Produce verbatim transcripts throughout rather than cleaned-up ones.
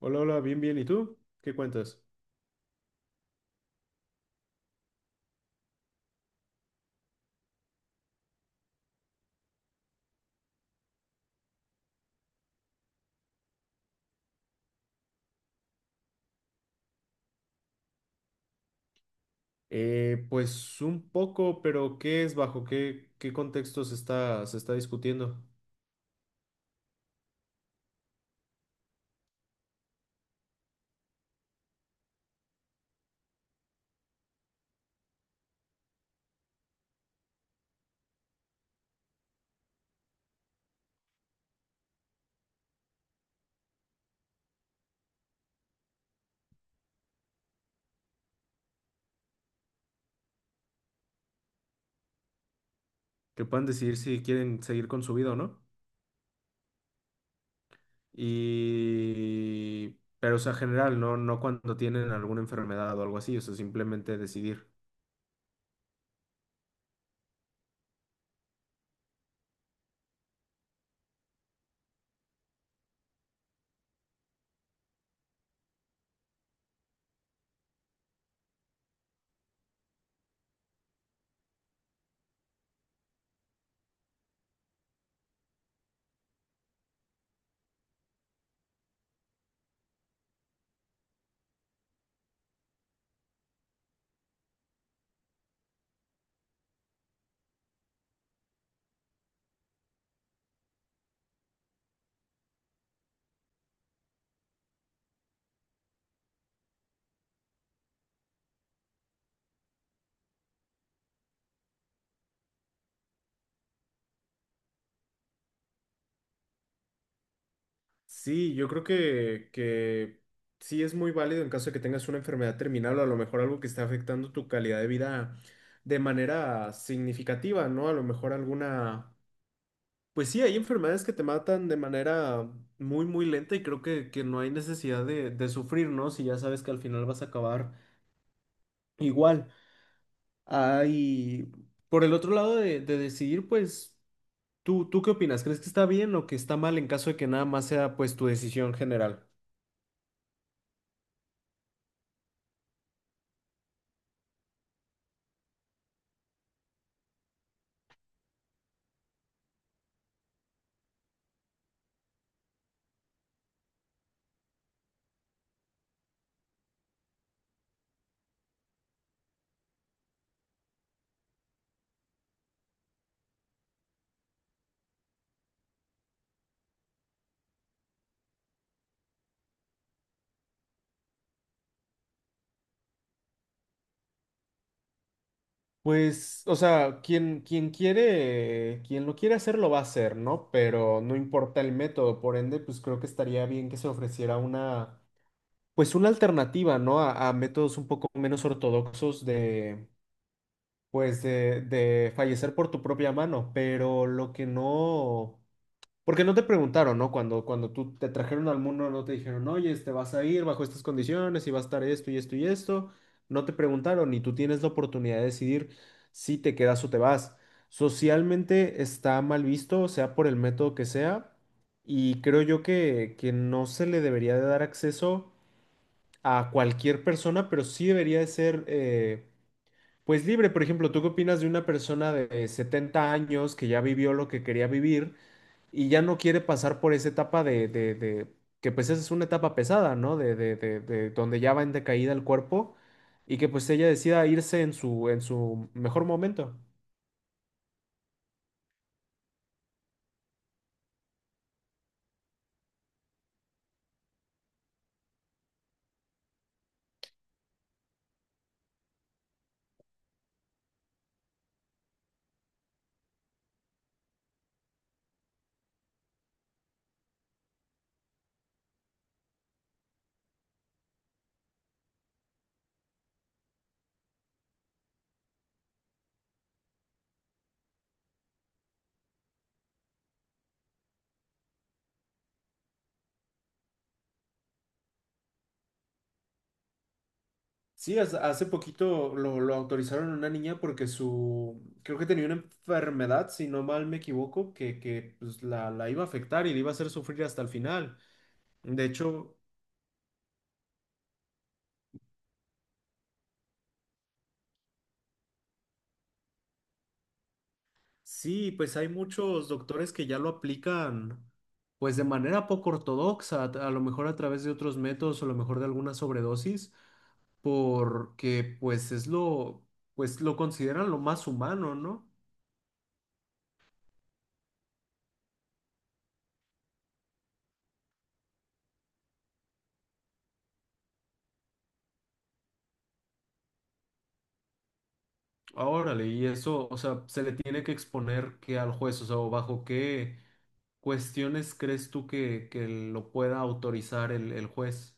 Hola, hola, bien, bien. ¿Y tú? ¿Qué cuentas? Eh, pues un poco, pero ¿qué es bajo qué, qué contexto se está, se está discutiendo? Que puedan decidir si quieren seguir con su vida o no. Y... Pero, o sea, general, no, no cuando tienen alguna enfermedad o algo así, o sea, simplemente decidir. Sí, yo creo que, que sí es muy válido en caso de que tengas una enfermedad terminal o a lo mejor algo que esté afectando tu calidad de vida de manera significativa, ¿no? A lo mejor alguna. Pues sí, hay enfermedades que te matan de manera muy, muy lenta y creo que, que no hay necesidad de, de sufrir, ¿no? Si ya sabes que al final vas a acabar igual. Hay, por el otro lado de, de decidir, pues, ¿tú, tú qué opinas? ¿Crees que está bien o que está mal en caso de que nada más sea, pues, tu decisión general? Pues, o sea, quien, quien quiere, quien lo quiere hacer lo va a hacer, ¿no? Pero no importa el método, por ende, pues creo que estaría bien que se ofreciera una pues una alternativa, ¿no? A, a métodos un poco menos ortodoxos de, pues, de, de fallecer por tu propia mano, pero lo que no, porque no te preguntaron, ¿no? Cuando, cuando tú te trajeron al mundo, no te dijeron, oye, te vas a ir bajo estas condiciones y va a estar esto y esto y esto, no te preguntaron y tú tienes la oportunidad de decidir si te quedas o te vas. Socialmente está mal visto, sea por el método que sea, y creo yo que, que no se le debería de dar acceso a cualquier persona, pero sí debería de ser, eh, pues libre. Por ejemplo, ¿tú qué opinas de una persona de setenta años que ya vivió lo que quería vivir y ya no quiere pasar por esa etapa de, de- de- que pues esa es una etapa pesada, ¿no? De, de- de- de donde ya va en decaída el cuerpo y que pues ella decida irse en su, en su mejor momento. Sí, hace hace poquito lo, lo autorizaron a una niña porque su, creo que tenía una enfermedad, si no mal me equivoco, que, que pues, la, la iba a afectar y le iba a hacer sufrir hasta el final. De hecho, sí, pues hay muchos doctores que ya lo aplican pues de manera poco ortodoxa, a a lo mejor a través de otros métodos o a lo mejor de alguna sobredosis, porque pues es lo, pues lo consideran lo más humano, ¿no? Órale, y eso, o sea, se le tiene que exponer que al juez, o sea, o bajo qué cuestiones crees tú que, que lo pueda autorizar el, el juez.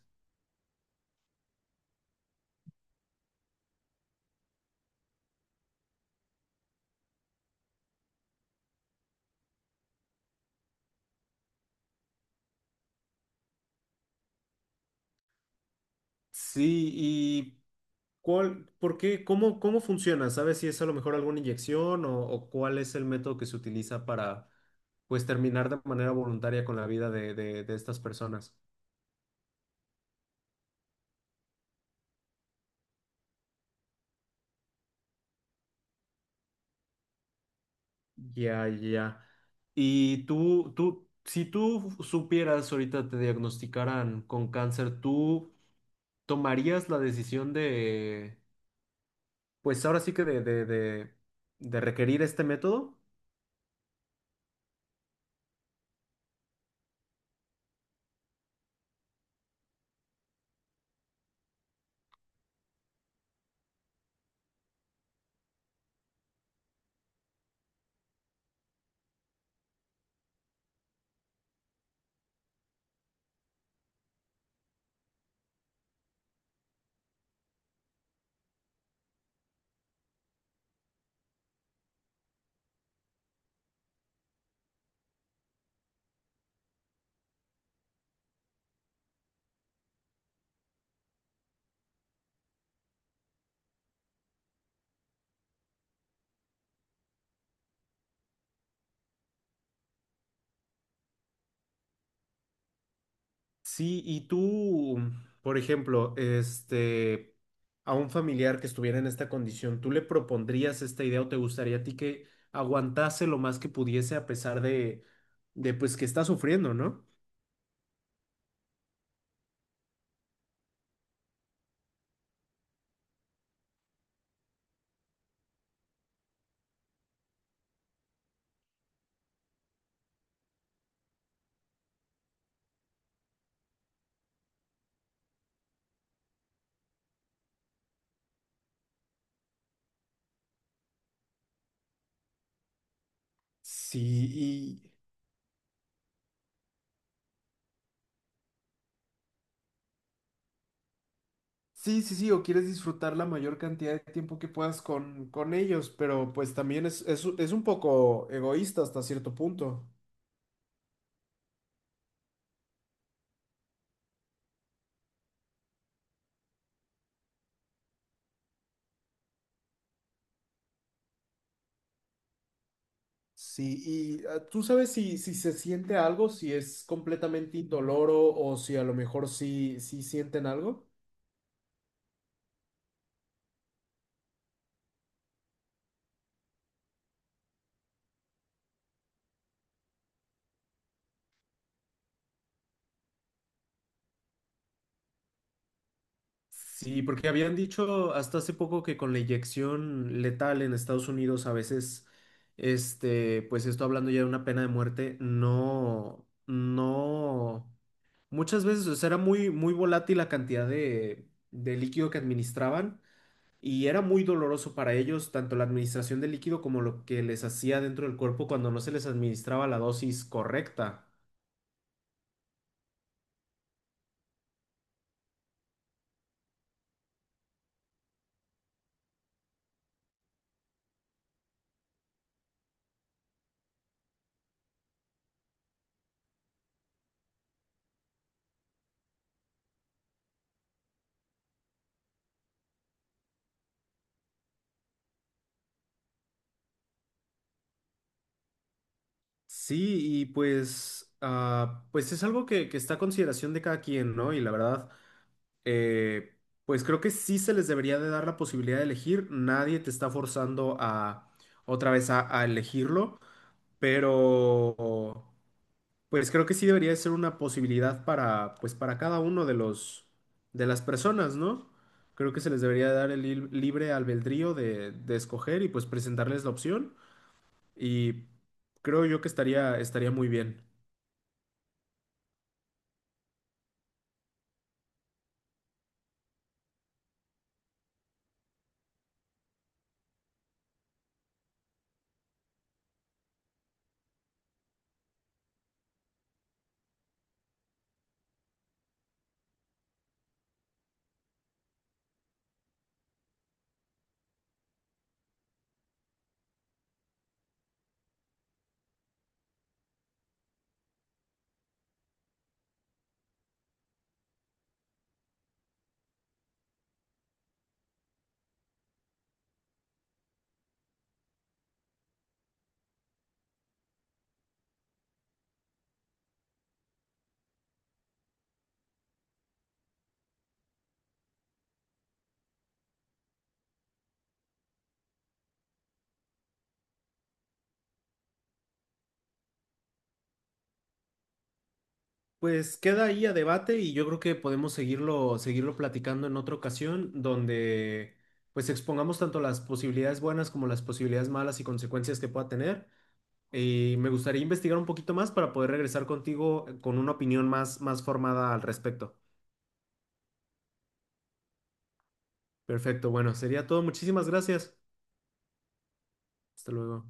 Sí, y ¿cuál, por qué, cómo, cómo funciona? ¿Sabes si es a lo mejor alguna inyección o, o cuál es el método que se utiliza para, pues, terminar de manera voluntaria con la vida de, de, de estas personas? Ya, ya. Y tú, tú, si tú supieras ahorita te diagnosticaran con cáncer, ¿tú ¿Tomarías la decisión de, pues ahora sí que de, de, de, de requerir este método? Sí, y tú, por ejemplo, este, a un familiar que estuviera en esta condición, ¿tú le propondrías esta idea o te gustaría a ti que aguantase lo más que pudiese a pesar de, de pues que está sufriendo, ¿no? Sí, y sí, sí, sí, o quieres disfrutar la mayor cantidad de tiempo que puedas con, con ellos, pero pues también es, es, es un poco egoísta hasta cierto punto. Sí, y ah, tú sabes si, si se siente algo, si es completamente indoloro o si a lo mejor sí, sí sienten algo. Sí, porque habían dicho hasta hace poco que con la inyección letal en Estados Unidos a veces, este, pues esto hablando ya de una pena de muerte, no, no, muchas veces, o sea, era muy, muy volátil la cantidad de, de líquido que administraban. Y era muy doloroso para ellos tanto la administración del líquido como lo que les hacía dentro del cuerpo cuando no se les administraba la dosis correcta. Sí, y pues, ah, pues es algo que, que está a consideración de cada quien, ¿no? Y la verdad, eh, pues creo que sí se les debería de dar la posibilidad de elegir. Nadie te está forzando a otra vez a, a elegirlo, pero. Pues creo que sí debería ser una posibilidad para, pues para cada uno de los, de las personas, ¿no? Creo que se les debería dar el lib- libre albedrío de, de escoger y pues presentarles la opción y creo yo que estaría, estaría muy bien. Pues queda ahí a debate y yo creo que podemos seguirlo, seguirlo platicando en otra ocasión donde pues expongamos tanto las posibilidades buenas como las posibilidades malas y consecuencias que pueda tener. Y me gustaría investigar un poquito más para poder regresar contigo eh, con una opinión más, más formada al respecto. Perfecto, bueno, sería todo. Muchísimas gracias. Hasta luego.